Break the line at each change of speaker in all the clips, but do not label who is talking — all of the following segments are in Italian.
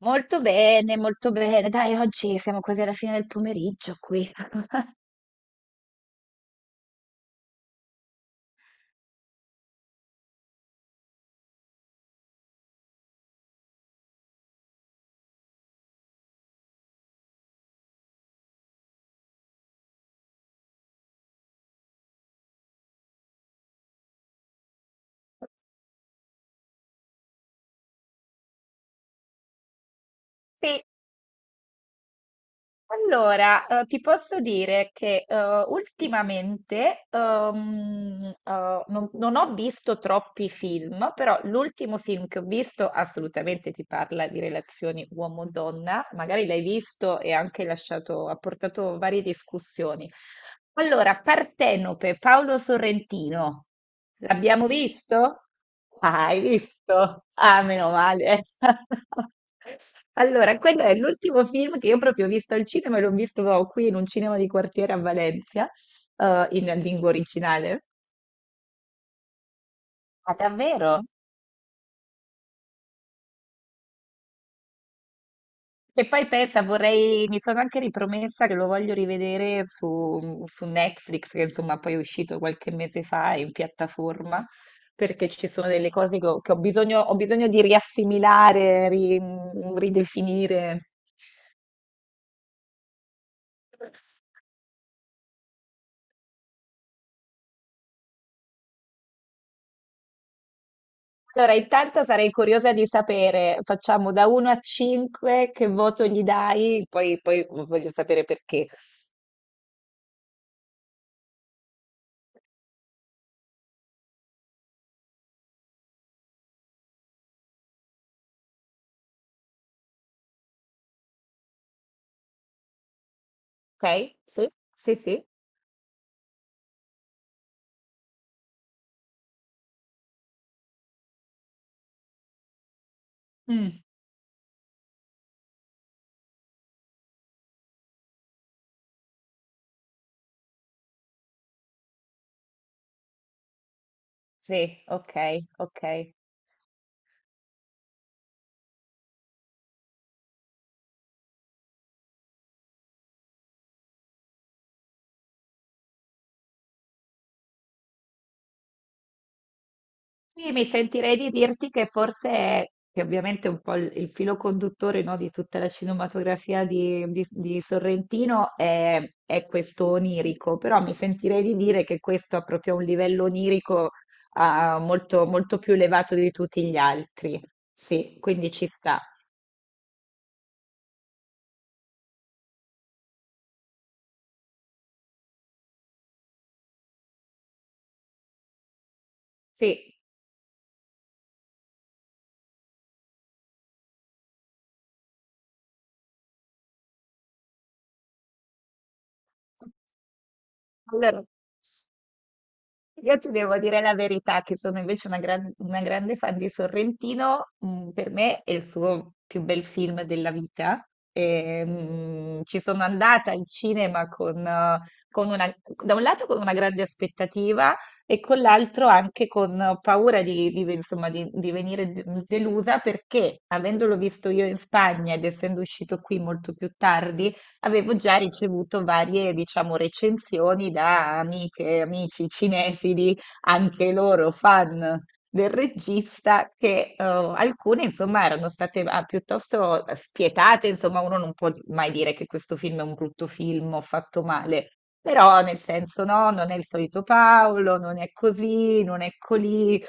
Molto bene, molto bene. Dai, oggi siamo quasi alla fine del pomeriggio qui. Sì, allora ti posso dire che ultimamente non ho visto troppi film, però l'ultimo film che ho visto assolutamente ti parla di relazioni uomo-donna, magari l'hai visto e anche lasciato, ha portato varie discussioni. Allora, Partenope, Paolo Sorrentino, l'abbiamo visto? Ah, hai visto? Ah, meno male. Allora, quello è l'ultimo film che io proprio ho visto al cinema e l'ho visto qui in un cinema di quartiere a Valencia, in lingua originale. Ah, davvero? E poi pensa, vorrei, mi sono anche ripromessa che lo voglio rivedere su Netflix, che insomma poi è uscito qualche mese fa in piattaforma, perché ci sono delle cose che ho bisogno di riassimilare, ridefinire. Allora, intanto sarei curiosa di sapere, facciamo da 1 a 5, che voto gli dai? Poi, poi voglio sapere perché. Ok? Sì? Sì, sì. Mm, sì, ok, ok. Sì, mi sentirei di dirti che forse è, che ovviamente è un po' il filo conduttore, no, di tutta la cinematografia di Sorrentino è questo onirico, però mi sentirei di dire che questo ha proprio un livello onirico, molto, molto più elevato di tutti gli altri. Sì, quindi ci sta. Sì. Allora, io ti devo dire la verità, che sono invece una, una grande fan di Sorrentino, mm, per me è il suo più bel film della vita. E, mm, ci sono andata al cinema con una, da un lato con una grande aspettativa e con l'altro anche con paura insomma, di venire delusa perché avendolo visto io in Spagna ed essendo uscito qui molto più tardi, avevo già ricevuto varie, diciamo, recensioni da amiche, amici cinefili, anche loro fan del regista, che alcune, insomma, erano state piuttosto spietate, insomma, uno non può mai dire che questo film è un brutto film o fatto male, però nel senso no, non è il solito Paolo, non è così, non è colì.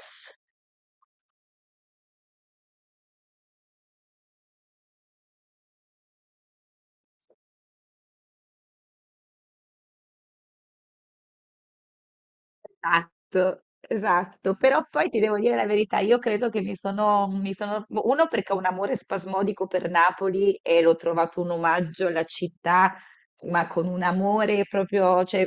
Esatto, esatto, però poi ti devo dire la verità, io credo che uno perché ho un amore spasmodico per Napoli e l'ho trovato un omaggio alla città, ma con un amore proprio, cioè,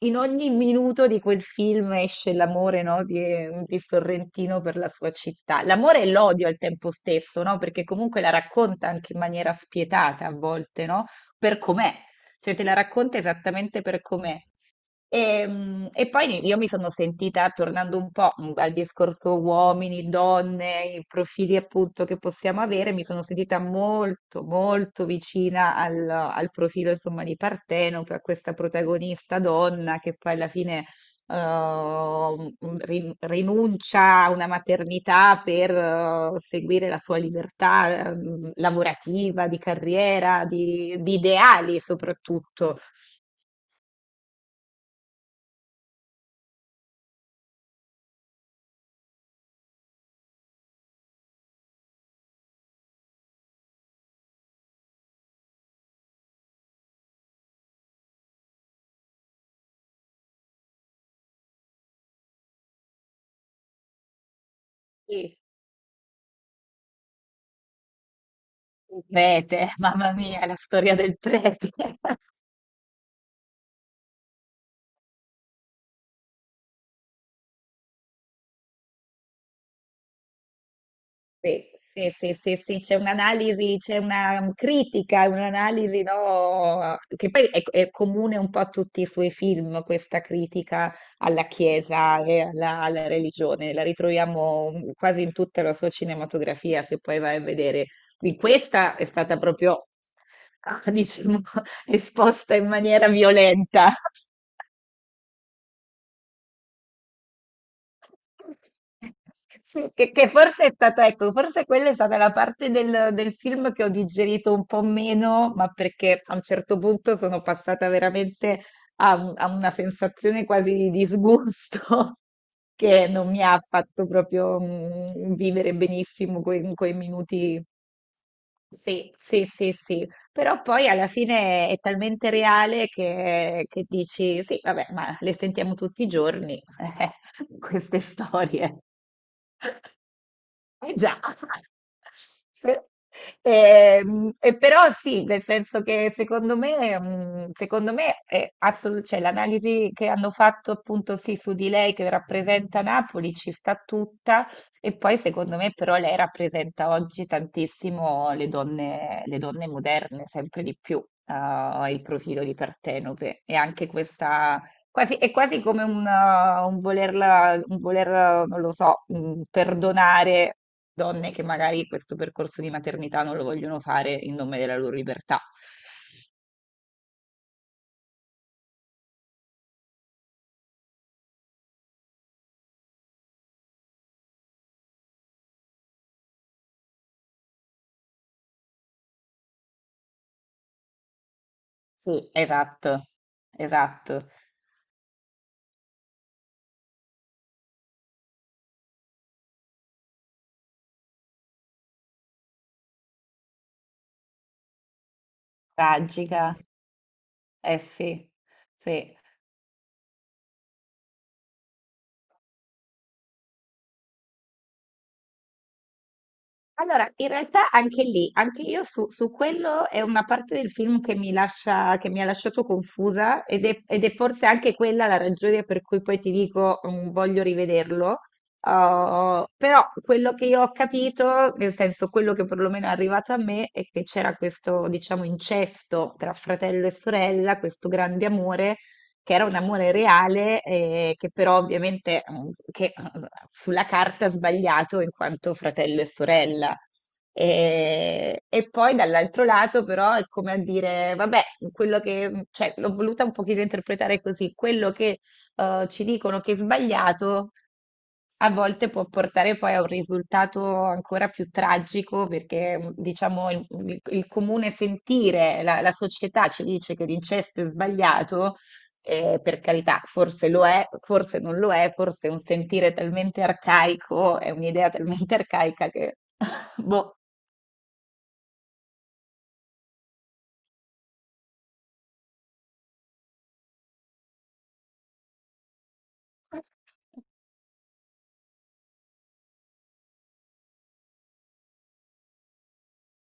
in ogni minuto di quel film esce l'amore, no, di Sorrentino per la sua città, l'amore e l'odio al tempo stesso, no, perché comunque la racconta anche in maniera spietata a volte, no, per com'è, cioè te la racconta esattamente per com'è. E, mm, e poi io mi sono sentita, tornando un po' mm, al discorso uomini, donne, i profili appunto che possiamo avere, mi sono sentita molto, molto vicina al profilo insomma di Partenope, a questa protagonista donna che poi alla fine rinuncia a una maternità per seguire la sua libertà lavorativa, di carriera, di ideali soprattutto. Il prete, mamma mia, la storia del prete. Sì, sì, c'è un'analisi, c'è una critica, un'analisi, no, che poi è comune un po' a tutti i suoi film, questa critica alla Chiesa e alla, alla religione, la ritroviamo mm, quasi in tutta la sua cinematografia, se poi vai a vedere. In questa è stata proprio, diciamo, esposta in maniera violenta. Sì, che forse è stata, ecco, forse quella è stata la parte del film che ho digerito un po' meno, ma perché a un certo punto sono passata veramente a una sensazione quasi di disgusto che non mi ha fatto proprio mm, vivere benissimo quei minuti sì, sì, sì, sì, però poi alla fine è talmente reale che dici, sì, vabbè, ma le sentiamo tutti i giorni, eh, queste storie. Eh già, Per- e però sì, nel senso che secondo me, mm, secondo me è cioè, l'analisi che hanno fatto appunto sì su di lei che rappresenta Napoli ci sta tutta e poi secondo me però lei rappresenta oggi tantissimo le donne moderne, sempre di più, il profilo di Partenope e anche questa... Quasi, è quasi come un volerla, non lo so, mm, perdonare donne che magari questo percorso di maternità non lo vogliono fare in nome della loro libertà. Sì, esatto, esatto. Tragica, eh sì, sì. Allora, in realtà anche lì, anche io su quello è una parte del film che mi ha lasciato confusa ed è forse anche quella la ragione per cui poi ti dico mm, voglio rivederlo. Però quello che io ho capito, nel senso quello che perlomeno è arrivato a me, è che c'era questo, diciamo, incesto tra fratello e sorella, questo grande amore che era un amore reale, che però ovviamente sulla carta ha sbagliato in quanto fratello e sorella. E poi dall'altro lato, però, è come a dire: vabbè, quello che, mm, cioè, l'ho voluta un pochino interpretare così, quello che ci dicono che è sbagliato, a volte può portare poi a un risultato ancora più tragico, perché diciamo il comune sentire, la società ci dice che l'incesto è sbagliato, per carità, forse lo è, forse non lo è, forse è un sentire talmente arcaico, è un'idea talmente arcaica che, boh,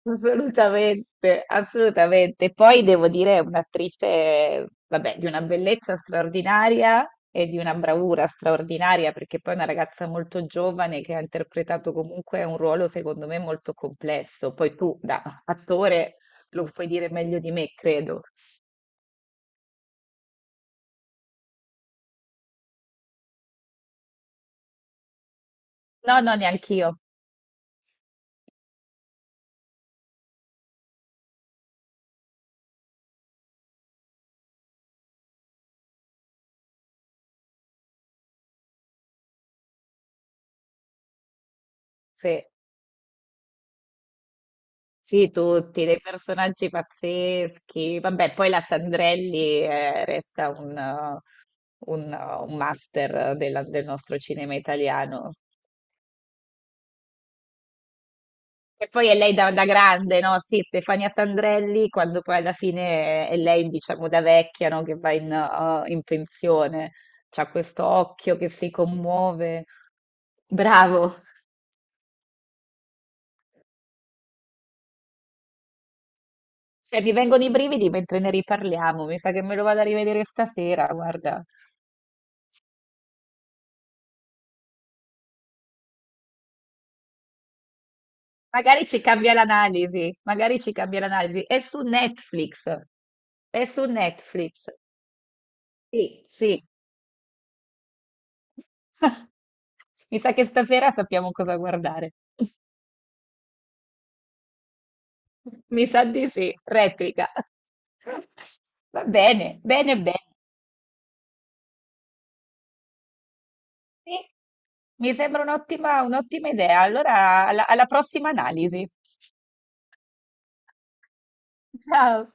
assolutamente, assolutamente. Poi devo dire, è un'attrice, vabbè, di una bellezza straordinaria e di una bravura straordinaria, perché poi è una ragazza molto giovane che ha interpretato comunque un ruolo, secondo me, molto complesso. Poi tu, da attore, lo puoi dire meglio di me, credo. No, no, neanch'io. Sì. Sì, tutti, dei personaggi pazzeschi. Vabbè, poi la Sandrelli resta un master del nostro cinema italiano. E poi è lei da grande, no? Sì, Stefania Sandrelli, quando poi alla fine è lei, diciamo, da vecchia, no? Che va in pensione. C'ha questo occhio che si commuove. Bravo! Cioè, mi vengono i brividi mentre ne riparliamo. Mi sa che me lo vado a rivedere stasera, guarda. Magari ci cambia l'analisi, magari ci cambia l'analisi. È su Netflix. È su Netflix. Sì, sì. Mi sa che stasera sappiamo cosa guardare. Mi sa di sì, replica. Va bene, bene, bene. Sì, mi sembra un'ottima idea. Allora, alla prossima analisi. Ciao.